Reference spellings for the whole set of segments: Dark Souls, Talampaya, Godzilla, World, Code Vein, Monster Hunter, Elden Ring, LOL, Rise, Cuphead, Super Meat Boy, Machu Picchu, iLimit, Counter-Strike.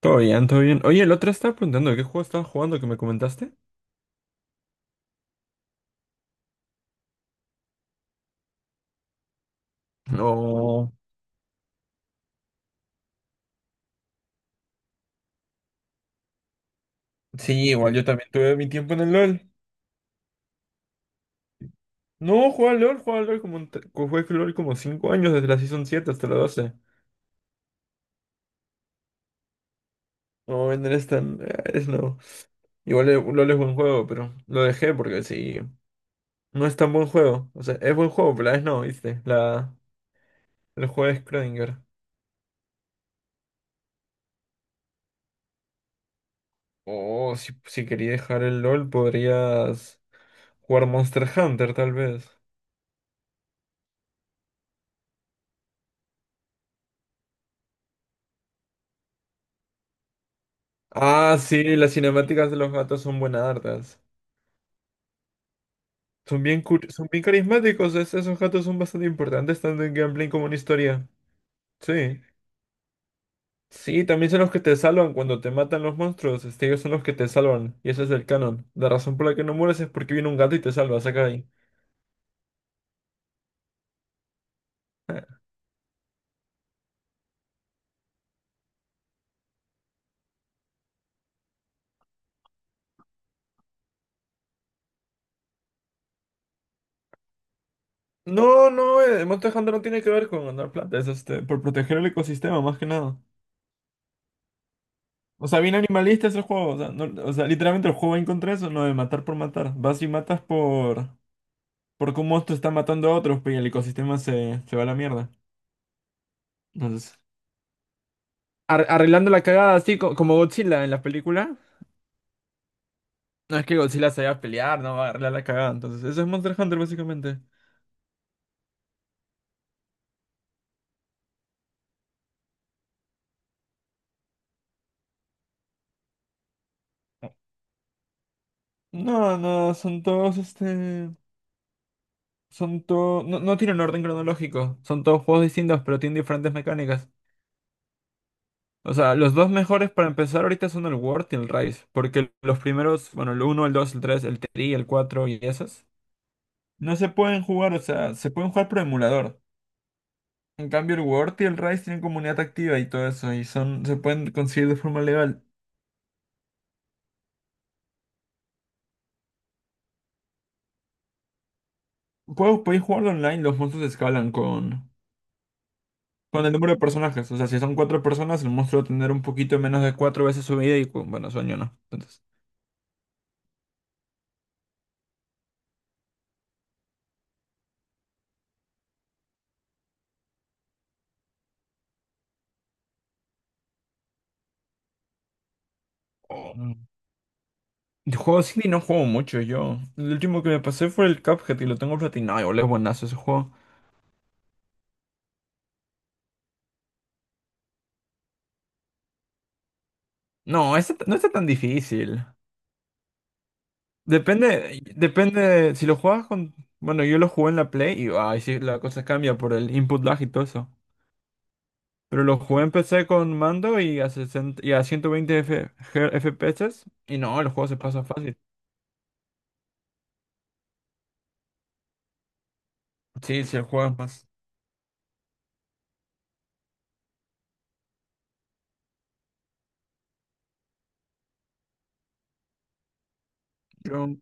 Todo bien, todo bien. Oye, el otro estaba preguntando, ¿qué juego estabas jugando que me comentaste? No. Sí, igual yo también tuve mi tiempo en el LOL. No, jugaba al LOL como, un t- co- jugué al LOL como 5 años, desde la Season 7 hasta la 12. No, en es tan. Es no. Igual el LOL es buen juego, pero lo dejé porque sí, no es tan buen juego. O sea, es buen juego, pero la vez no, ¿viste? La, el juego de Schrödinger. Oh, si, si quería dejar el LOL, podrías jugar Monster Hunter, tal vez. Ah, sí, las cinemáticas de los gatos son buenas hartas. Son bien carismáticos, esos gatos son bastante importantes tanto en gameplay como en historia. Sí. Sí, también son los que te salvan cuando te matan los monstruos. Este, ellos son los que te salvan. Y ese es el canon. La razón por la que no mueres es porque viene un gato y te salva, saca de ahí. No, no, Monster Hunter no tiene que ver con ganar plata, es este, por proteger el ecosistema, más que nada. O sea, bien animalista es el juego. O sea, o sea, literalmente el juego va en contra de eso, no de matar por matar. Vas y matas por. Porque un monstruo está matando a otros, pues, y el ecosistema se va a la mierda. Entonces, arreglando la cagada, así como Godzilla en la película. No es que Godzilla se vaya a pelear, no va a arreglar la cagada. Entonces, eso es Monster Hunter, básicamente. No, no, son todos este. Son todos. No, no tienen orden cronológico. Son todos juegos distintos, pero tienen diferentes mecánicas. O sea, los dos mejores para empezar ahorita son el World y el Rise. Porque los primeros, bueno, el uno el 2 el 3 el 3, el 4 y esos. No se pueden jugar, o sea, se pueden jugar por emulador. En cambio, el Word y el Rise tienen comunidad activa y todo eso, y son, se pueden conseguir de forma legal. Puedes, podéis jugarlo online, los monstruos escalan con el número de personajes. O sea, si son cuatro personas, el monstruo va a tener un poquito menos de 4 veces su vida y, bueno, sueño no. Entonces, oh. Mm. Yo juego Silly no juego mucho yo. El último que me pasé fue el Cuphead y lo tengo platinado. Boludo, es buenazo ese juego. No, este no está tan difícil. Depende, depende, si lo juegas con... Bueno, yo lo jugué en la Play y ay, sí, la cosa cambia por el input lag y todo eso. Pero lo jugué empecé con mando y a, 60 y a 120 FPS. Y no, el juego se pasa fácil. Sí, sí, el juego es más. Yo-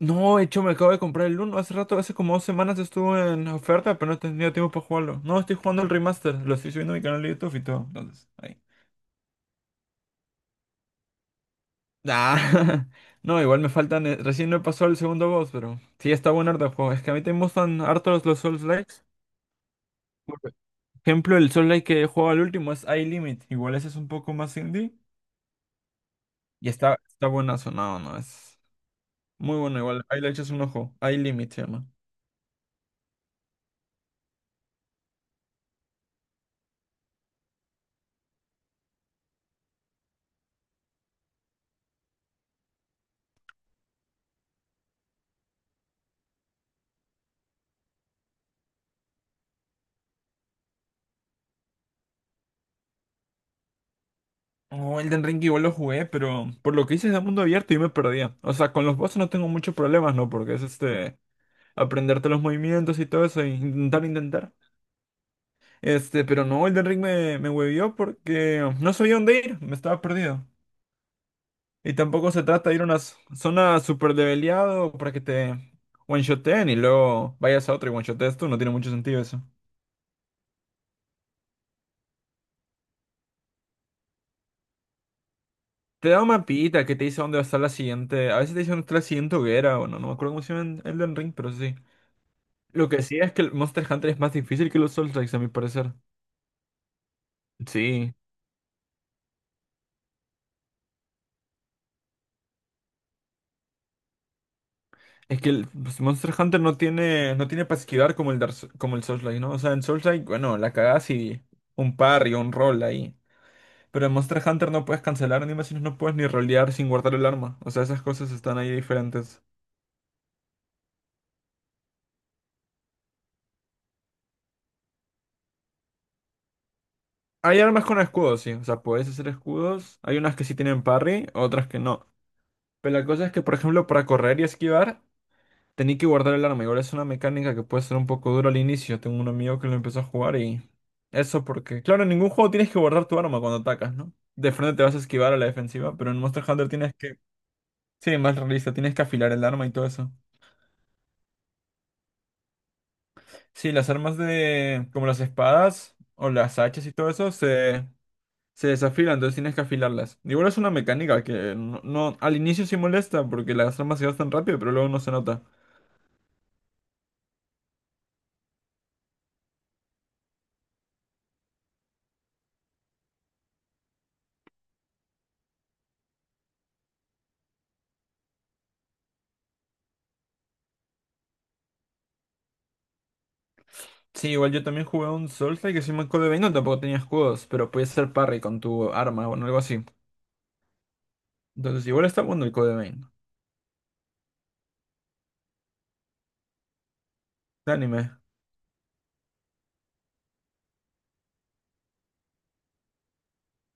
No, de hecho, me acabo de comprar el 1. Hace rato, hace como 2 semanas estuvo en oferta, pero no he tenido tiempo para jugarlo. No, estoy jugando el remaster. Lo estoy subiendo a mi canal de YouTube y todo. Entonces, ahí. Ah, no, igual me faltan. Recién no he pasado el segundo boss, pero sí está bueno harto el juego. Es que a mí te gustan hartos los Souls-likes. Por ejemplo, el Souls-like que juego al último es iLimit. Igual ese es un poco más indie. Y está, está buena sonado, ¿no? Es muy bueno igual. Ahí le echas un ojo. Ahí Limit se llama. Oh, Elden Ring igual lo jugué, pero por lo que hice de mundo abierto yo me perdía. O sea, con los bosses no tengo muchos problemas, ¿no? Porque es este. Aprenderte los movimientos y todo eso, e intentar, intentar. Este, pero no, Elden Ring me huevió porque no sabía dónde ir, me estaba perdido. Y tampoco se trata de ir a una zona súper leveleado para que te one-shoteen y luego vayas a otra y one-shotees tú, no tiene mucho sentido eso. Te da un mapita que te dice dónde va a estar la siguiente. A veces te dice dónde está la siguiente hoguera o no. No me acuerdo cómo se llama el Elden Ring, pero sí. Lo que sí es que el Monster Hunter es más difícil que los Souls a mi parecer. Sí. Es que el pues, Monster Hunter no tiene, no tiene para esquivar como el, como el Souls, ¿no? O sea, en Souls bueno, la cagás y un parry o un roll ahí. Pero en Monster Hunter no puedes cancelar animaciones, no puedes ni rolear sin guardar el arma. O sea, esas cosas están ahí diferentes. Hay armas con escudos, sí. O sea, puedes hacer escudos. Hay unas que sí tienen parry, otras que no. Pero la cosa es que, por ejemplo, para correr y esquivar, tenía que guardar el arma. Igual es una mecánica que puede ser un poco dura al inicio. Tengo un amigo que lo empezó a jugar y... Eso porque, claro, en ningún juego tienes que guardar tu arma cuando atacas, ¿no? De frente te vas a esquivar a la defensiva, pero en Monster Hunter tienes que... Sí, más realista, tienes que afilar el arma y todo eso. Sí, las armas de... como las espadas o las hachas y todo eso se... Se desafilan, entonces tienes que afilarlas. Igual es una mecánica que no, al inicio sí molesta porque las armas se gastan rápido, pero luego no se nota. Sí, igual yo también jugué un Soulslike que se llama Code Vein, no tampoco tenía escudos, pero podías hacer parry con tu arma o algo así. Entonces, igual está bueno el Code Vein. De anime.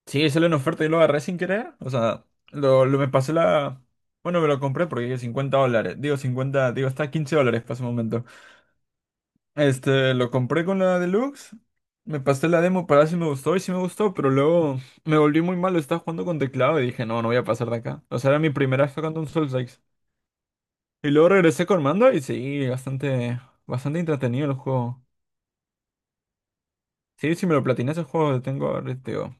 Sí, salió en oferta y lo agarré sin querer. O sea, lo me pasé la. Bueno, me lo compré porque $50. Digo 50, digo, está a $15 para ese momento. Este, lo compré con la Deluxe. Me pasé la demo para ver si me gustó y sí me gustó, pero luego me volví muy malo. Estaba jugando con teclado y dije, no, no voy a pasar de acá. O sea, era mi primera vez tocando un Soulslike. Y luego regresé con mando y sí, bastante, bastante entretenido el juego. Sí, si me lo platiné ese juego, lo tengo, ahorita, digo,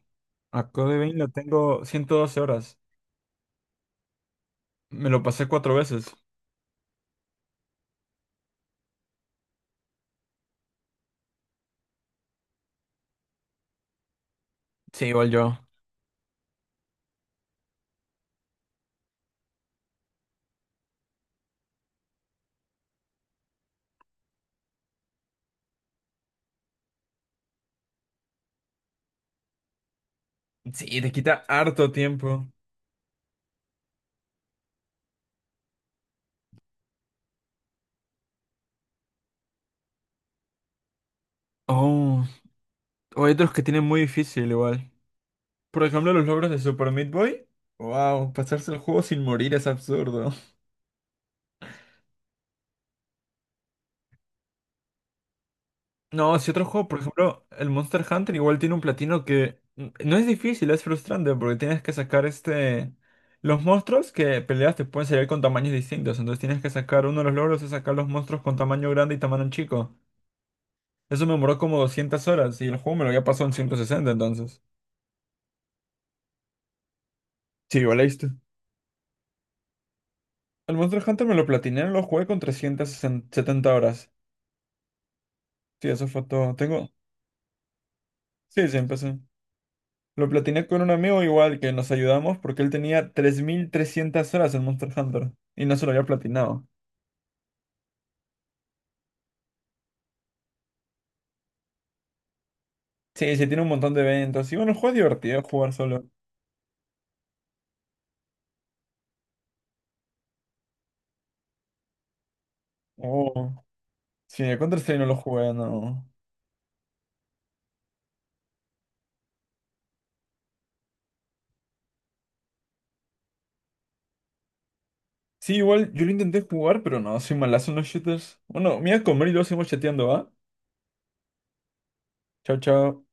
a Code Vein lo tengo 112 horas. Me lo pasé 4 veces. Sí, igual yo. Sí, te quita harto tiempo. Oh, o hay otros que tienen muy difícil igual. Por ejemplo, los logros de Super Meat Boy. Wow, pasarse el juego sin morir es absurdo. No, si otro juego, por ejemplo, el Monster Hunter igual tiene un platino que no es difícil, es frustrante porque tienes que sacar este... Los monstruos que peleas te pueden salir con tamaños distintos, entonces tienes que sacar uno de los logros es sacar los monstruos con tamaño grande y tamaño chico. Eso me demoró como 200 horas y el juego me lo había pasado en 160, entonces. Sí, igual leíste. El Monster Hunter me lo platiné, lo jugué con 370 horas. Sí, eso fue todo. Tengo... Sí, sí, empecé. Lo platiné con un amigo igual que nos ayudamos porque él tenía 3.300 horas en Monster Hunter y no se lo había platinado. Sí, sí, tiene un montón de eventos. Y bueno, el juego es divertido jugar solo. Oh, sí, el Counter-Strike no lo jugué, no. Sí, igual yo lo intenté jugar, pero no, soy malazo en los shooters. Bueno, me voy a comer y luego seguimos chateando, ¿va? Chao, chao.